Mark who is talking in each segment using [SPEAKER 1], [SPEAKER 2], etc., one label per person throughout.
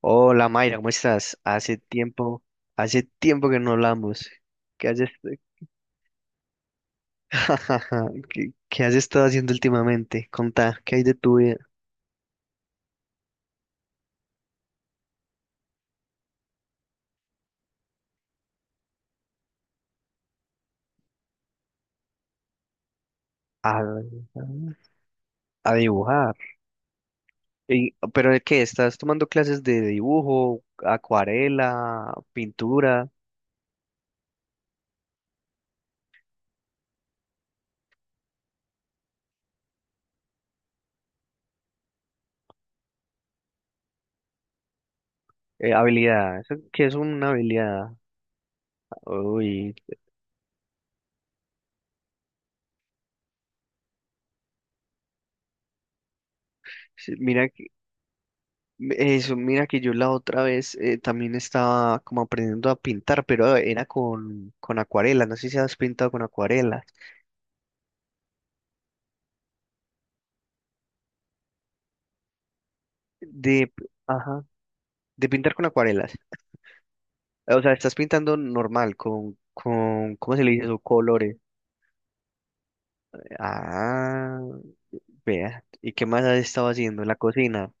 [SPEAKER 1] Hola Mayra, ¿cómo estás? Hace tiempo que no hablamos. ¿Qué has, est- ¿Qué has estado haciendo últimamente? Contá, ¿qué hay de tu vida? A, a dibujar. ¿Pero de qué? ¿Estás tomando clases de dibujo, acuarela, pintura, habilidad? ¿Eso ¿Qué es una habilidad? Uy, sí, mira. Eso, mira que yo la otra vez, también estaba como aprendiendo a pintar, pero era con acuarela. No sé si has pintado con acuarelas. De, ajá, de pintar con acuarelas. O sea, estás pintando normal, ¿cómo se le dice eso? Colores. Ah, vea. ¿Y qué más has estado haciendo en la cocina?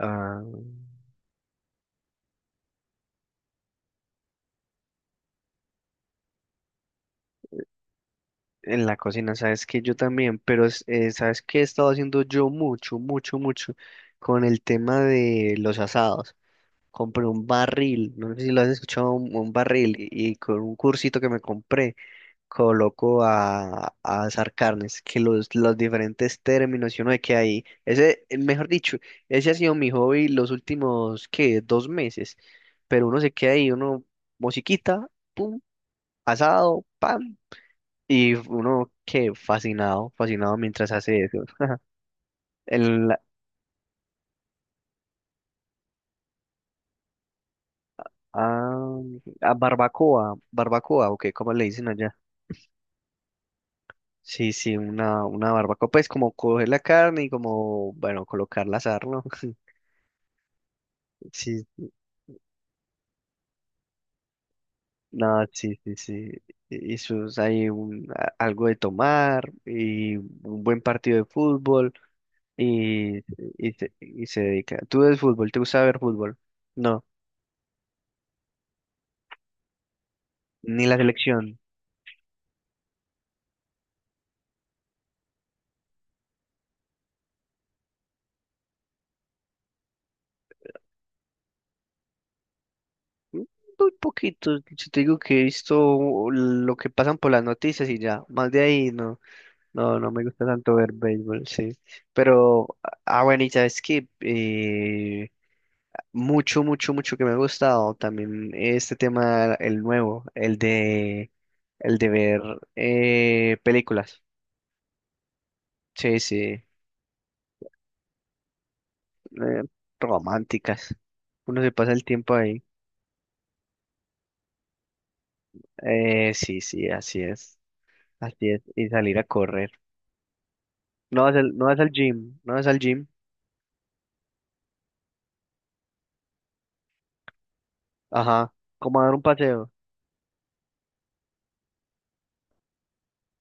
[SPEAKER 1] Ah, en la cocina, sabes que yo también, pero sabes que he estado haciendo yo mucho, mucho, mucho con el tema de los asados. Compré un barril, no sé si lo has escuchado, un barril, y con un cursito que me compré, coloco a asar carnes, que los diferentes términos y uno de que hay, ese, mejor dicho, ese ha sido mi hobby los últimos, ¿qué? Dos meses, pero uno se queda ahí, uno, musiquita, pum, asado, pam, y uno, que fascinado, fascinado mientras hace eso. El, ah, barbacoa, barbacoa, ¿o qué? ¿Cómo le dicen allá? Sí, sí, una barbacoa, pues como coger la carne y como, bueno, colocarla a asar, ¿no? Sí, no, sí, sí, sí. Y eso es ahí un, algo de tomar y un buen partido de fútbol y, y se dedica. ¿Tú ves fútbol? ¿Te gusta ver fútbol? No, ni la selección. Mm, muy poquito, si te digo que he visto lo que pasan por las noticias y ya, más de ahí, no. No, no me gusta tanto ver béisbol, sí. Pero, ah, bueno, y sabes que, mucho, mucho, mucho que me ha gustado también este tema, el nuevo, el de ver películas. Sí, sí, románticas. Uno se pasa el tiempo ahí. Sí, sí, así es, así es. Y salir a correr. No vas al gym. Ajá, como a dar un paseo.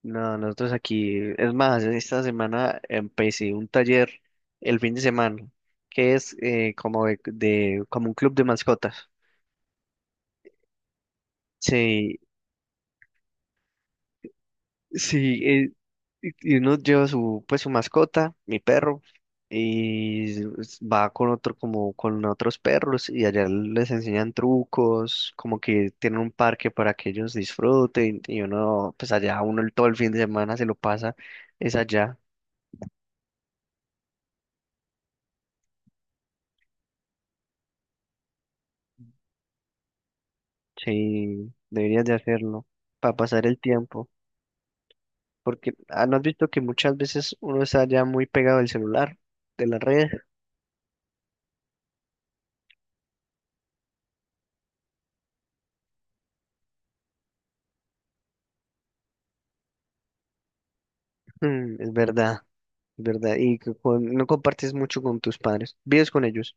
[SPEAKER 1] No, nosotros aquí, es más, esta semana empecé un taller el fin de semana, que es, como como un club de mascotas. Sí, sí, y uno lleva su, pues su mascota, mi perro, y va con otro, como con otros perros, y allá les enseñan trucos, como que tienen un parque para que ellos disfruten, y uno, pues allá uno todo el fin de semana se lo pasa, es allá. Sí, deberías de hacerlo para pasar el tiempo, porque ah, ¿no has visto que muchas veces uno está ya muy pegado al celular, de la red? Mm, es verdad, es verdad, y que no compartes mucho con tus padres, vives con ellos.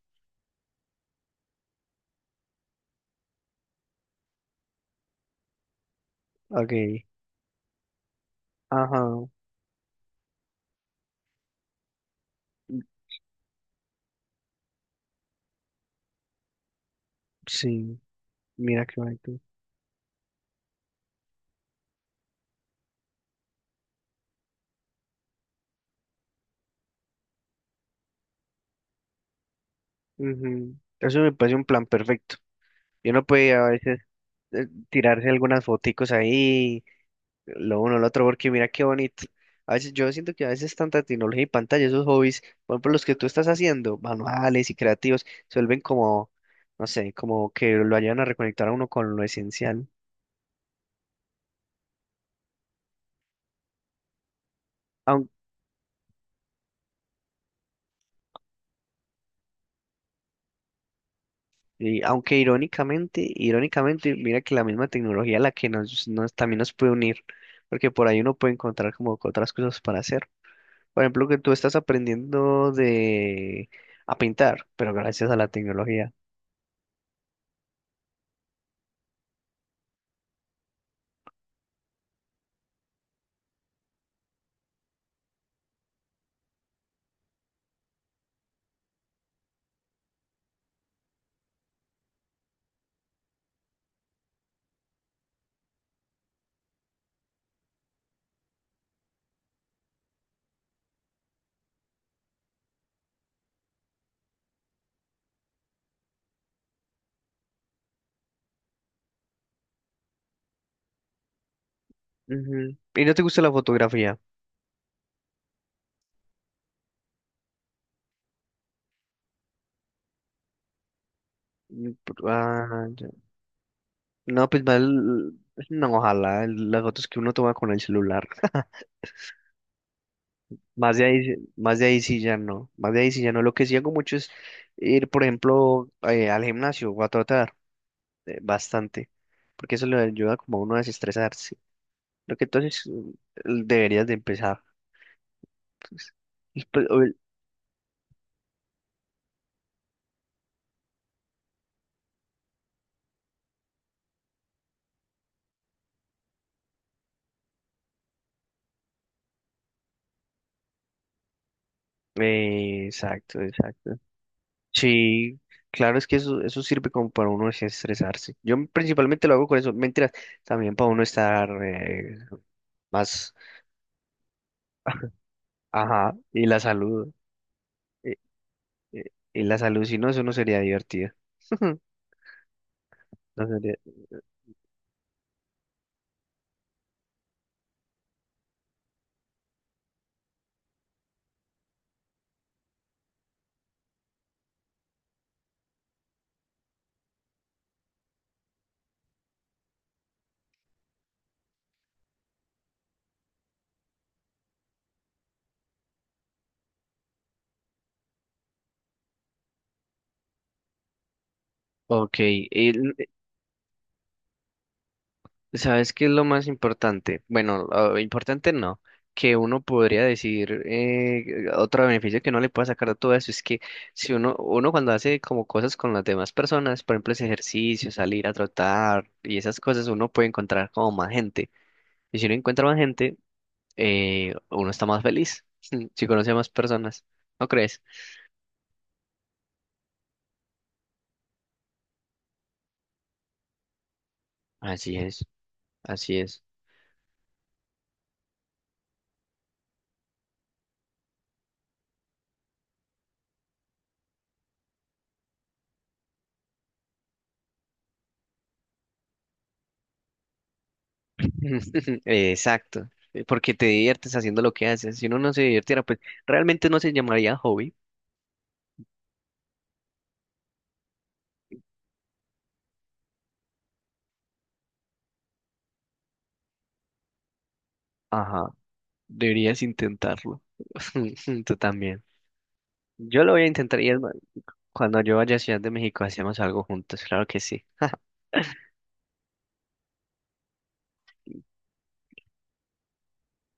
[SPEAKER 1] Ok, ajá, mm, sí, mira qué bonito. Ujú, eso me parece un plan perfecto. Y uno puede a veces, tirarse algunas foticos ahí. Lo uno, lo otro, porque mira qué bonito. A veces yo siento que a veces tanta tecnología y pantalla, esos hobbies, por ejemplo, los que tú estás haciendo, manuales y creativos, se vuelven como, no sé, como que lo ayudan a reconectar a uno con lo esencial. Aun- y aunque irónicamente, mira que la misma tecnología la que nos también nos puede unir, porque por ahí uno puede encontrar como que otras cosas para hacer. Por ejemplo, que tú estás aprendiendo de a pintar, pero gracias a la tecnología. Ujú. ¿Y no te gusta la fotografía? Mm, ah, ya. No, pues más, no, ojalá las fotos que uno toma con el celular. Más de ahí sí ya no, más de ahí sí ya no. Lo que sí hago mucho es ir, por ejemplo, al gimnasio o a trotar, bastante, porque eso le ayuda como a uno a desestresarse. Lo que entonces mm, deberías de empezar pues. Y pues, exacto, exacto. Sí, claro, es que eso sirve como para uno desestresarse. Yo principalmente lo hago con eso, mentiras, también para uno estar, más, ajá, eh, eh, y la salud, si no, eso no sería divertido. No sería- Ok, ¿sabes qué es lo más importante? Bueno, ah, importante no, que uno podría decir, otro beneficio que no le pueda sacar a todo eso es que si uno, uno cuando hace como cosas con las demás personas, por ejemplo, ese ejercicio, salir a trotar y esas cosas, uno puede encontrar como más gente. Y si uno encuentra más gente, uno está más feliz, si conoce a más personas, ¿no crees? Así es, así es. Exacto, porque te diviertes haciendo lo que haces. Si uno no se divirtiera, pues realmente no se llamaría hobby. Ajá, deberías intentarlo. Tú también. Yo lo voy a intentar y es más, cuando yo vaya a Ciudad de México hacemos algo juntos. Claro que sí,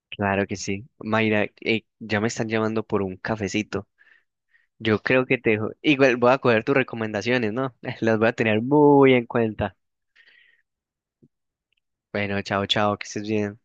[SPEAKER 1] claro que sí. Mayra, ya me están llamando por un cafecito. Yo creo que te dejo. Igual voy a coger tus recomendaciones, ¿no? Las voy a tener muy en cuenta. Bueno, chao, chao, que estés bien.